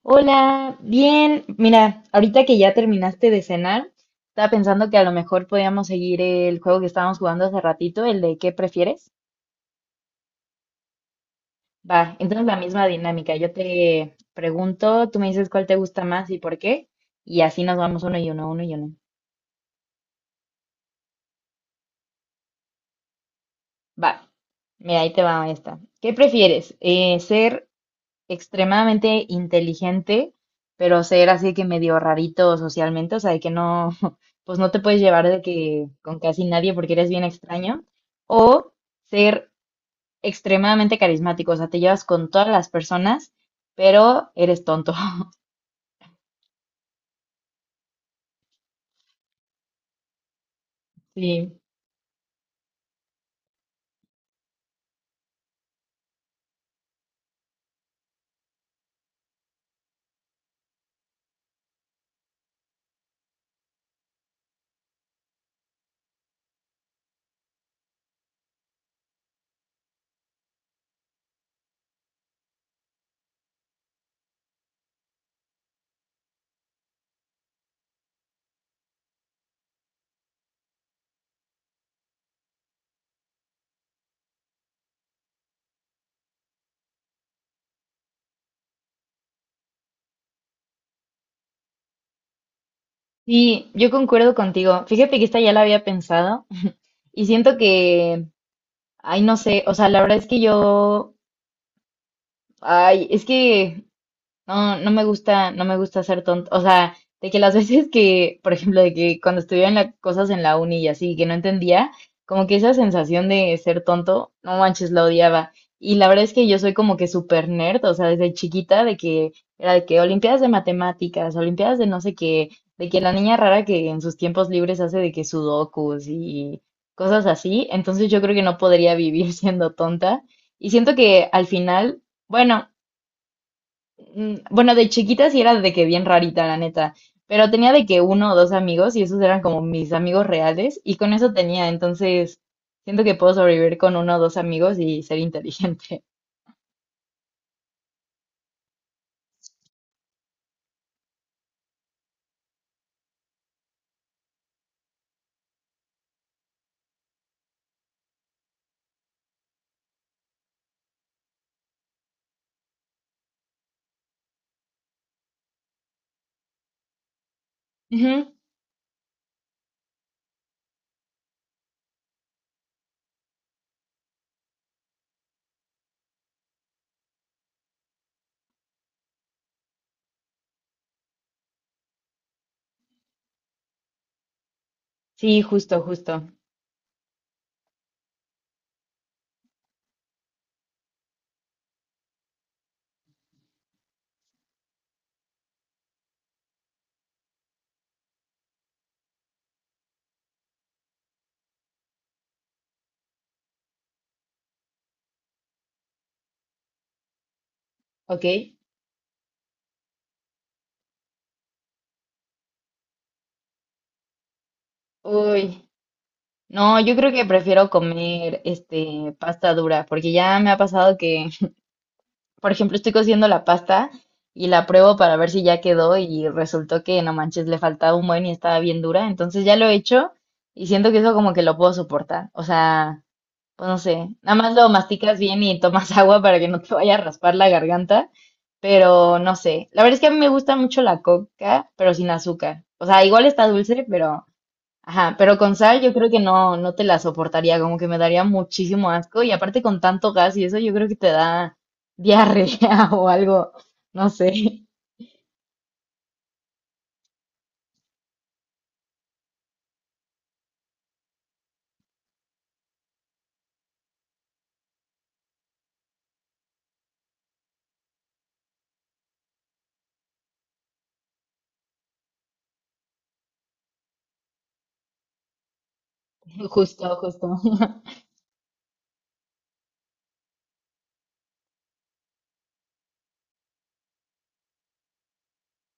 Hola, bien. Mira, ahorita que ya terminaste de cenar, estaba pensando que a lo mejor podíamos seguir el juego que estábamos jugando hace ratito, el de ¿qué prefieres? Va, entonces la misma dinámica. Yo te pregunto, tú me dices cuál te gusta más y por qué, y así nos vamos uno y uno, uno y uno. Va, mira, ahí te va esta. ¿Qué prefieres? ¿Ser extremadamente inteligente, pero ser así que medio rarito socialmente, o sea, de que no, pues no te puedes llevar de que con casi nadie porque eres bien extraño, o ser extremadamente carismático, o sea, te llevas con todas las personas, pero eres tonto? Sí, sí, yo concuerdo contigo. Fíjate que esta ya la había pensado y siento que, ay, no sé, o sea, la verdad es que yo, ay, es que no, no me gusta, no me gusta ser tonto. O sea, de que las veces que, por ejemplo, de que cuando estudiaba en las cosas en la uni y así, que no entendía, como que esa sensación de ser tonto, no manches, la odiaba. Y la verdad es que yo soy como que súper nerd, o sea, desde chiquita, de que era de que olimpiadas de matemáticas, olimpiadas de no sé qué, de que la niña rara que en sus tiempos libres hace de que sudokus y cosas así. Entonces yo creo que no podría vivir siendo tonta. Y siento que al final. Bueno, bueno, de chiquita sí era de que bien rarita, la neta, pero tenía de que uno o dos amigos y esos eran como mis amigos reales y con eso tenía, entonces siento que puedo sobrevivir con uno o dos amigos y ser inteligente. Ujú, sí, justo, justo. Ok. Uy, no, yo creo que prefiero comer este pasta dura porque ya me ha pasado que, por ejemplo, estoy cociendo la pasta y la pruebo para ver si ya quedó y resultó que no manches, le faltaba un buen y estaba bien dura. Entonces ya lo he hecho y siento que eso como que lo puedo soportar. O sea, pues no sé, nada más lo masticas bien y tomas agua para que no te vaya a raspar la garganta, pero no sé. La verdad es que a mí me gusta mucho la coca, pero sin azúcar. O sea, igual está dulce, pero ajá, pero con sal yo creo que no, no te la soportaría, como que me daría muchísimo asco y aparte con tanto gas y eso yo creo que te da diarrea o algo, no sé, justo, justo.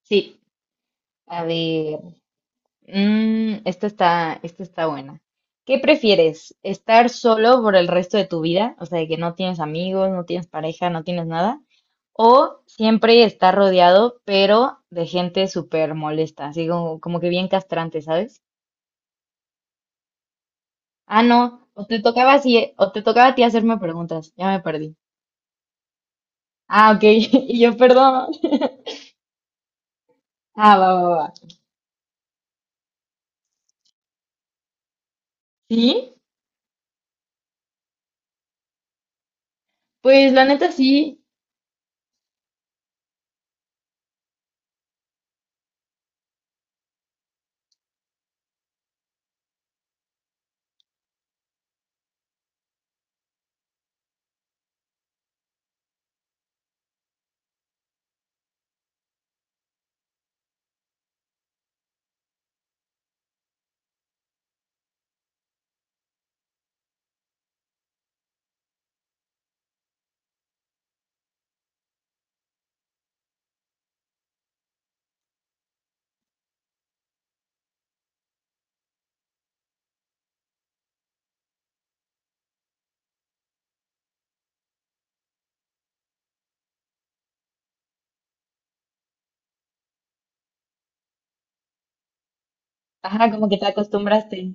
Sí, a ver, esta está buena. ¿Qué prefieres? ¿Estar solo por el resto de tu vida? O sea, de que no tienes amigos, no tienes pareja, no tienes nada. ¿O siempre estar rodeado, pero de gente súper molesta, así como, como que bien castrante, sabes? Ah, no, o te tocaba así, o te tocaba a ti hacerme preguntas, ya me perdí. Ah, ok, y yo, perdón. Ah, va, va, va. Sí, pues la neta sí, ajá, como que te acostumbraste.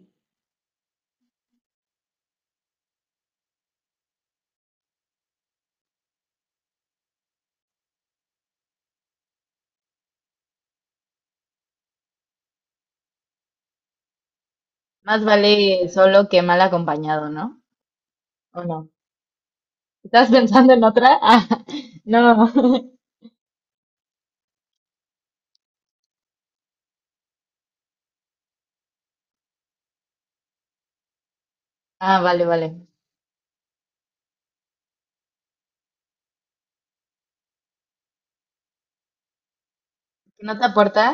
Más vale solo que mal acompañado, ¿no? ¿O no? ¿Estás pensando en otra? Ah, no. Ah, vale, vale. ¿No te aporta?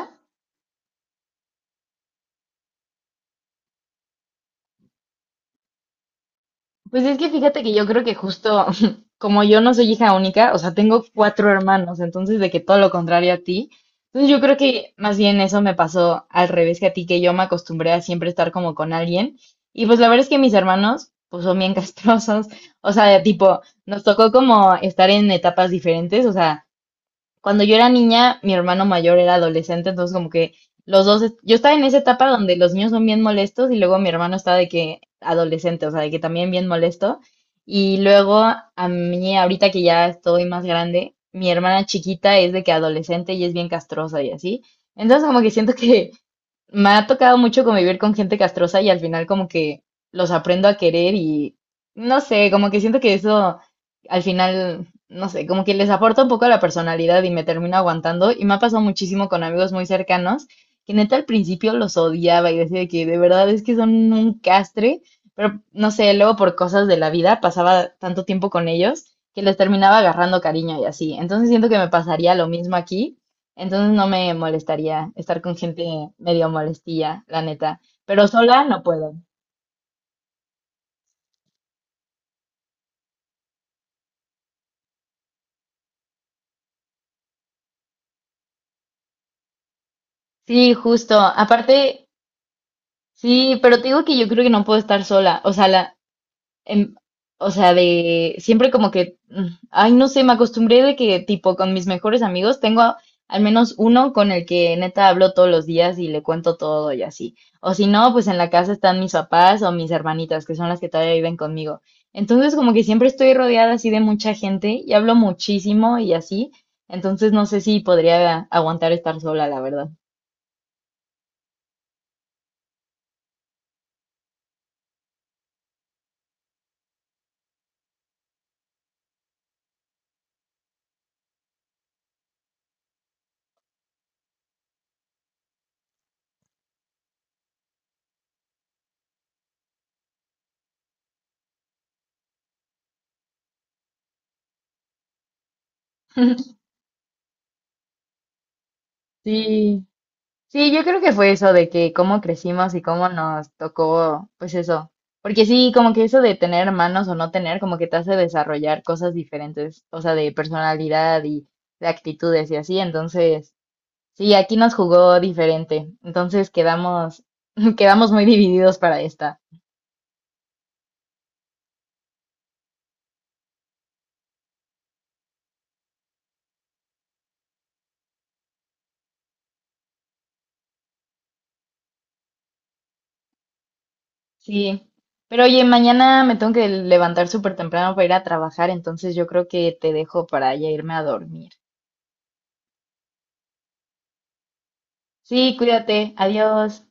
Pues es que fíjate que yo creo que justo como yo no soy hija única, o sea, tengo cuatro hermanos, entonces de que todo lo contrario a ti. Entonces yo creo que más bien eso me pasó al revés que a ti, que yo me acostumbré a siempre estar como con alguien. Y pues la verdad es que mis hermanos, pues son bien castrosos, o sea, tipo, nos tocó como estar en etapas diferentes, o sea, cuando yo era niña, mi hermano mayor era adolescente, entonces como que los dos, yo estaba en esa etapa donde los niños son bien molestos y luego mi hermano estaba de que adolescente, o sea, de que también bien molesto. Y luego a mí, ahorita que ya estoy más grande, mi hermana chiquita es de que adolescente y es bien castrosa y así. Entonces como que siento que me ha tocado mucho convivir con gente castrosa y al final como que los aprendo a querer y no sé, como que siento que eso al final no sé, como que les aporta un poco a la personalidad y me termino aguantando. Y me ha pasado muchísimo con amigos muy cercanos, que neta al principio los odiaba y decía de que de verdad es que son un castre, pero no sé, luego por cosas de la vida pasaba tanto tiempo con ellos que les terminaba agarrando cariño y así. Entonces siento que me pasaría lo mismo aquí. Entonces no me molestaría estar con gente medio molestilla, la neta. Pero sola no puedo. Sí, justo. Aparte, sí, pero te digo que yo creo que no puedo estar sola. O sea, la, em, o sea, de siempre como que, ay, no sé, me acostumbré de que tipo con mis mejores amigos tengo al menos uno con el que neta hablo todos los días y le cuento todo y así. O si no, pues en la casa están mis papás o mis hermanitas, que son las que todavía viven conmigo. Entonces como que siempre estoy rodeada así de mucha gente y hablo muchísimo y así. Entonces no sé si podría aguantar estar sola, la verdad. Sí, sí, yo creo que fue eso de que cómo crecimos y cómo nos tocó, pues eso. Porque sí, como que eso de tener hermanos o no tener, como que te hace desarrollar cosas diferentes, o sea, de personalidad y de actitudes y así. Entonces, sí, aquí nos jugó diferente. Entonces quedamos, quedamos muy divididos para esta. Sí. Pero oye, mañana me tengo que levantar súper temprano para ir a trabajar, entonces yo creo que te dejo para ya irme a dormir. Sí, cuídate. Adiós.